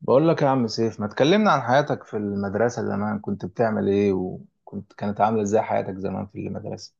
بقول لك يا عم سيف، ما تكلمنا عن حياتك في المدرسة زمان. كنت بتعمل ايه؟ وكنت كانت عاملة ازاي حياتك زمان في المدرسة؟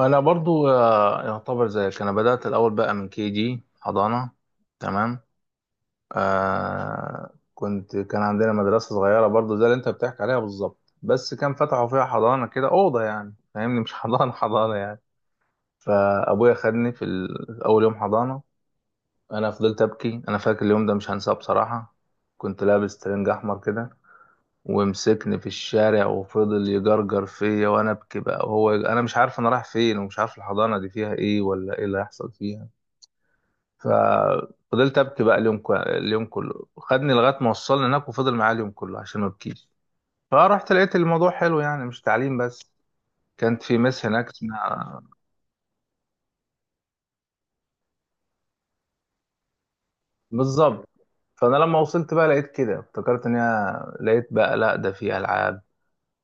انا برضو يعتبر زيك، انا بدأت الاول بقى من كي جي حضانة. تمام. آه، كان عندنا مدرسة صغيرة برضو زي اللي انت بتحكي عليها بالظبط، بس كان فتحوا فيها حضانة كده، أوضة يعني فاهمني، مش حضانة حضانة يعني. فأبويا خدني في أول يوم حضانة. أنا فضلت أبكي، أنا فاكر اليوم ده مش هنساه بصراحة. كنت لابس ترنج أحمر كده، ومسكني في الشارع وفضل يجرجر فيا وانا ابكي بقى، وهو انا مش عارف انا رايح فين ومش عارف الحضانه دي فيها ايه ولا ايه اللي هيحصل فيها. ففضلت ابكي بقى اليوم كله، خدني لغايه ما وصلنا هناك وفضل معايا اليوم كله عشان ما ابكيش. فرحت لقيت الموضوع حلو، يعني مش تعليم بس. كانت في مس هناك اسمها بالظبط. فانا لما وصلت بقى لقيت كده، افتكرت ان هي، لقيت بقى لا ده في العاب،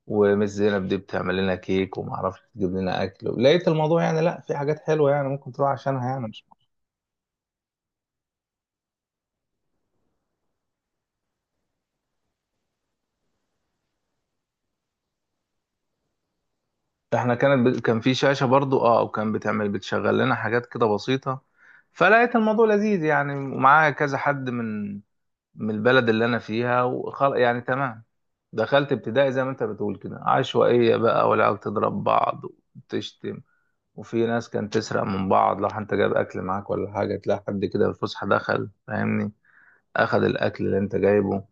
ومس زينب دي بتعمل لنا كيك وما اعرفش تجيب لنا اكل. لقيت الموضوع يعني، لا في حاجات حلوه يعني، ممكن تروح عشانها يعني، مش كان في شاشه برضو، اه، وكان بتعمل بتشغل لنا حاجات كده بسيطه. فلقيت الموضوع لذيذ يعني، ومعايا كذا حد من من البلد اللي انا فيها يعني تمام. دخلت ابتدائي زي ما انت بتقول كده، عشوائيه بقى، والعيال تضرب بعض وتشتم، وفي ناس كانت تسرق من بعض. لو انت جايب اكل معاك ولا حاجه، تلاقي حد كده في الفسحه دخل فاهمني، أخذ الأكل اللي أنت جايبه.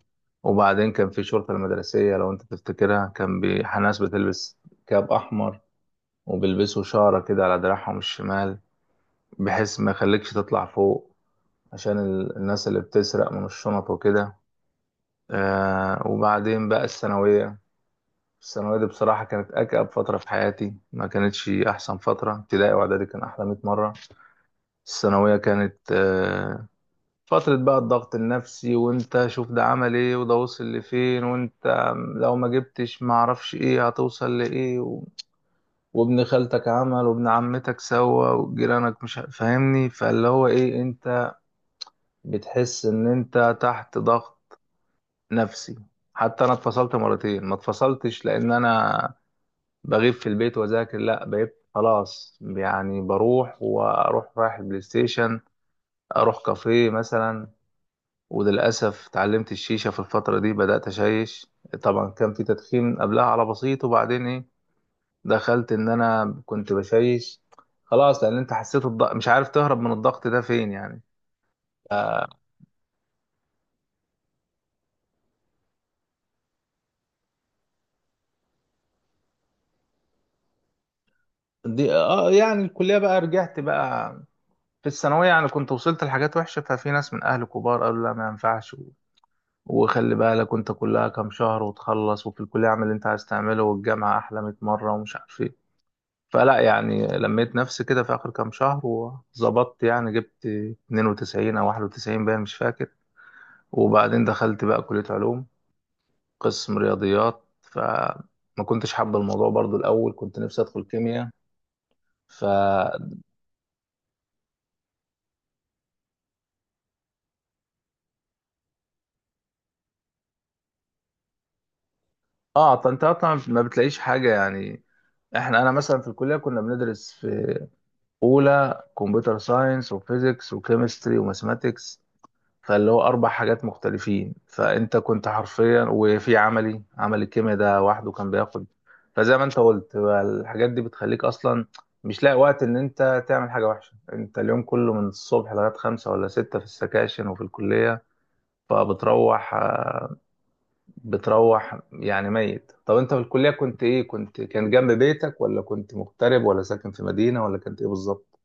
وبعدين كان في شرطة المدرسية لو أنت تفتكرها، كان ناس بتلبس كاب أحمر وبيلبسوا شارة كده على دراعهم الشمال، بحيث ما يخليكش تطلع فوق، عشان الناس اللي بتسرق من الشنط وكده. آه، وبعدين بقى الثانوية. الثانوية دي بصراحة كانت أكأب فترة في حياتي، ما كانتش أحسن فترة. ابتدائي وإعدادي كان أحلى 100 مرة. الثانوية كانت فترة بقى الضغط النفسي، وانت شوف ده عمل ايه، وده وصل لفين، وانت لو ما جبتش ما اعرفش ايه هتوصل لايه، و... وابن خالتك عمل وابن عمتك سوى وجيرانك مش فاهمني، فاللي هو ايه، انت بتحس ان انت تحت ضغط نفسي. حتى انا اتفصلت مرتين، ما اتفصلتش لان انا بغيب في البيت واذاكر، لا، بقيت خلاص يعني بروح واروح رايح البلاي ستيشن، اروح كافيه مثلا. وللأسف اتعلمت الشيشة في الفترة دي، بدأت أشيش. طبعا كان في تدخين قبلها على بسيط، وبعدين إيه، دخلت إن أنا كنت بشيش خلاص، لأن أنت حسيت الضغط، مش عارف تهرب من الضغط ده فين يعني. دي آه، يعني الكلية بقى، رجعت بقى. في الثانوية يعني كنت وصلت لحاجات وحشة، ففي ناس من أهل كبار قالوا لا ما ينفعش، وخلي بالك أنت كلها كام شهر وتخلص، وفي الكلية اعمل اللي أنت عايز تعمله، والجامعة أحلى 100 مرة ومش عارف إيه. فلا يعني، لميت نفسي كده في آخر كام شهر وظبطت يعني، جبت 92 أو 91، باين مش فاكر. وبعدين دخلت بقى كلية علوم، قسم رياضيات. فما كنتش حابة الموضوع برضو، الأول كنت نفسي أدخل كيمياء. ف اه طنطا طبعا ما بتلاقيش حاجة يعني. احنا انا مثلا في الكلية كنا بندرس في اولى كمبيوتر ساينس وفيزيكس وكيمستري وماثماتكس، فاللي هو اربع حاجات مختلفين، فانت كنت حرفيا وفي عملي، عمل الكيمياء ده وحده كان بياخد. فزي ما انت قلت بقى، الحاجات دي بتخليك اصلا مش لاقي وقت ان انت تعمل حاجه وحشه. انت اليوم كله من الصبح لغايه خمسة ولا ستة في السكاشن وفي الكليه. فبتروح يعني ميت. طب انت في الكليه كنت ايه؟ كنت كان جنب بيتك، ولا كنت مغترب، ولا ساكن في مدينه، ولا كنت ايه بالظبط؟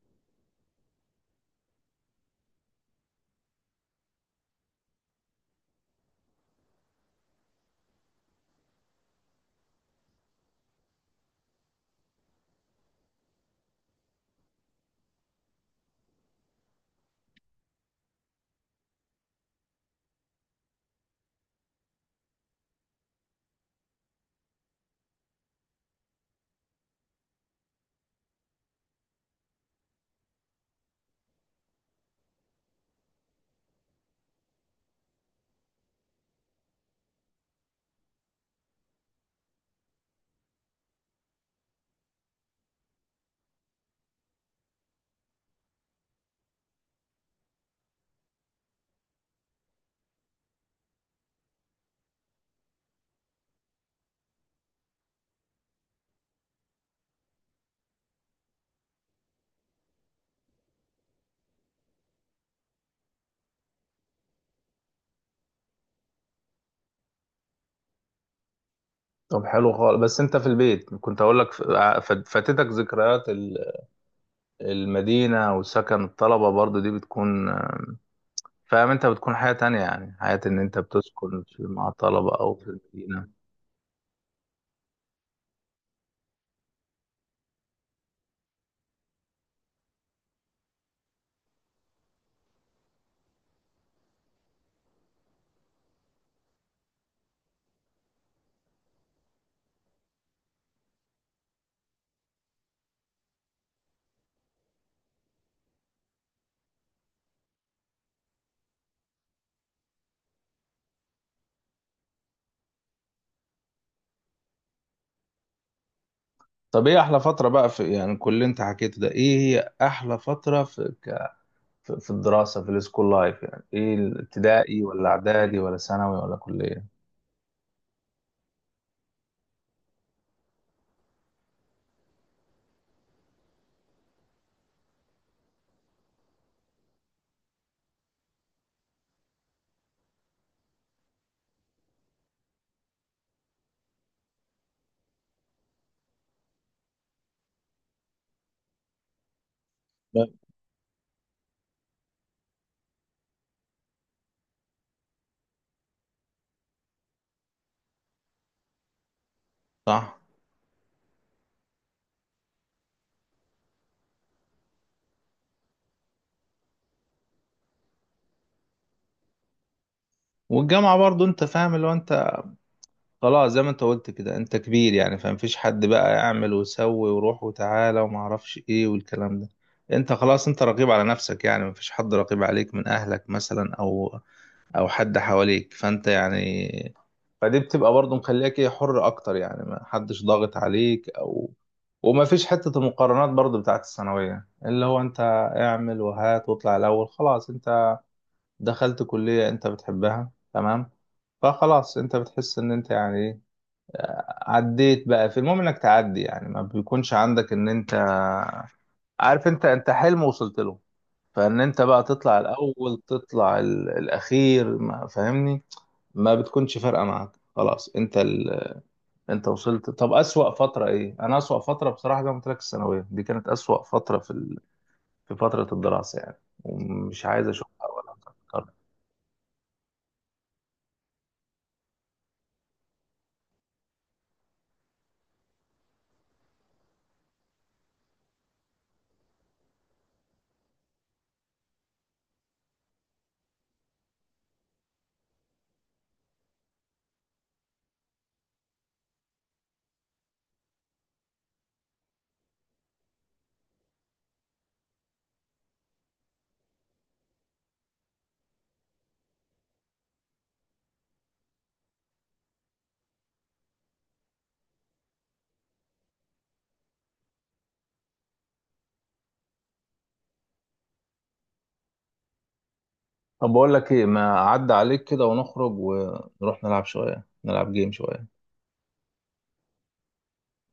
طب حلو خالص، بس انت في البيت كنت اقول لك فاتتك ذكريات المدينة وسكن الطلبة، برضو دي بتكون فاهم، انت بتكون حياة تانية يعني، حياة ان انت بتسكن مع الطلبة او في المدينة. طب ايه احلى فترة بقى في يعني كل اللي انت حكيته ده؟ ايه هي احلى فترة في في في الدراسة، في السكول لايف يعني، ايه، الابتدائي ولا اعدادي ولا ثانوي ولا كلية؟ لا. صح. والجامعة برضو انت فاهم اللي هو انت خلاص، زي ما انت قلت كده، انت كبير يعني، فمفيش حد بقى يعمل ويسوي، وروح وتعالى، وما اعرفش ايه والكلام ده. انت خلاص، انت رقيب على نفسك يعني، مفيش حد رقيب عليك من اهلك مثلا، او او حد حواليك، فانت يعني، فدي بتبقى برضه مخليك ايه، حر اكتر يعني، ما حدش ضاغط عليك او، وما فيش حتة المقارنات برضه بتاعت الثانوية، اللي هو انت اعمل وهات واطلع الاول. خلاص انت دخلت كلية انت بتحبها، تمام، فخلاص انت بتحس ان انت يعني ايه، عديت بقى في، المهم انك تعدي يعني، ما بيكونش عندك ان انت عارف انت، انت حلم وصلت له. فان انت بقى تطلع الاول تطلع الاخير، ما فاهمني، ما بتكونش فارقه معاك، خلاص انت انت وصلت. طب اسوأ فتره ايه؟ انا اسوأ فتره بصراحه زي ما قلت لك، الثانويه دي كانت اسوأ فتره في في فتره الدراسه يعني، ومش عايز اشوفها ولا أتذكرها. طب بقول لك ايه، ما عدى عليك كده، ونخرج ونروح نلعب شويه، نلعب جيم شويه.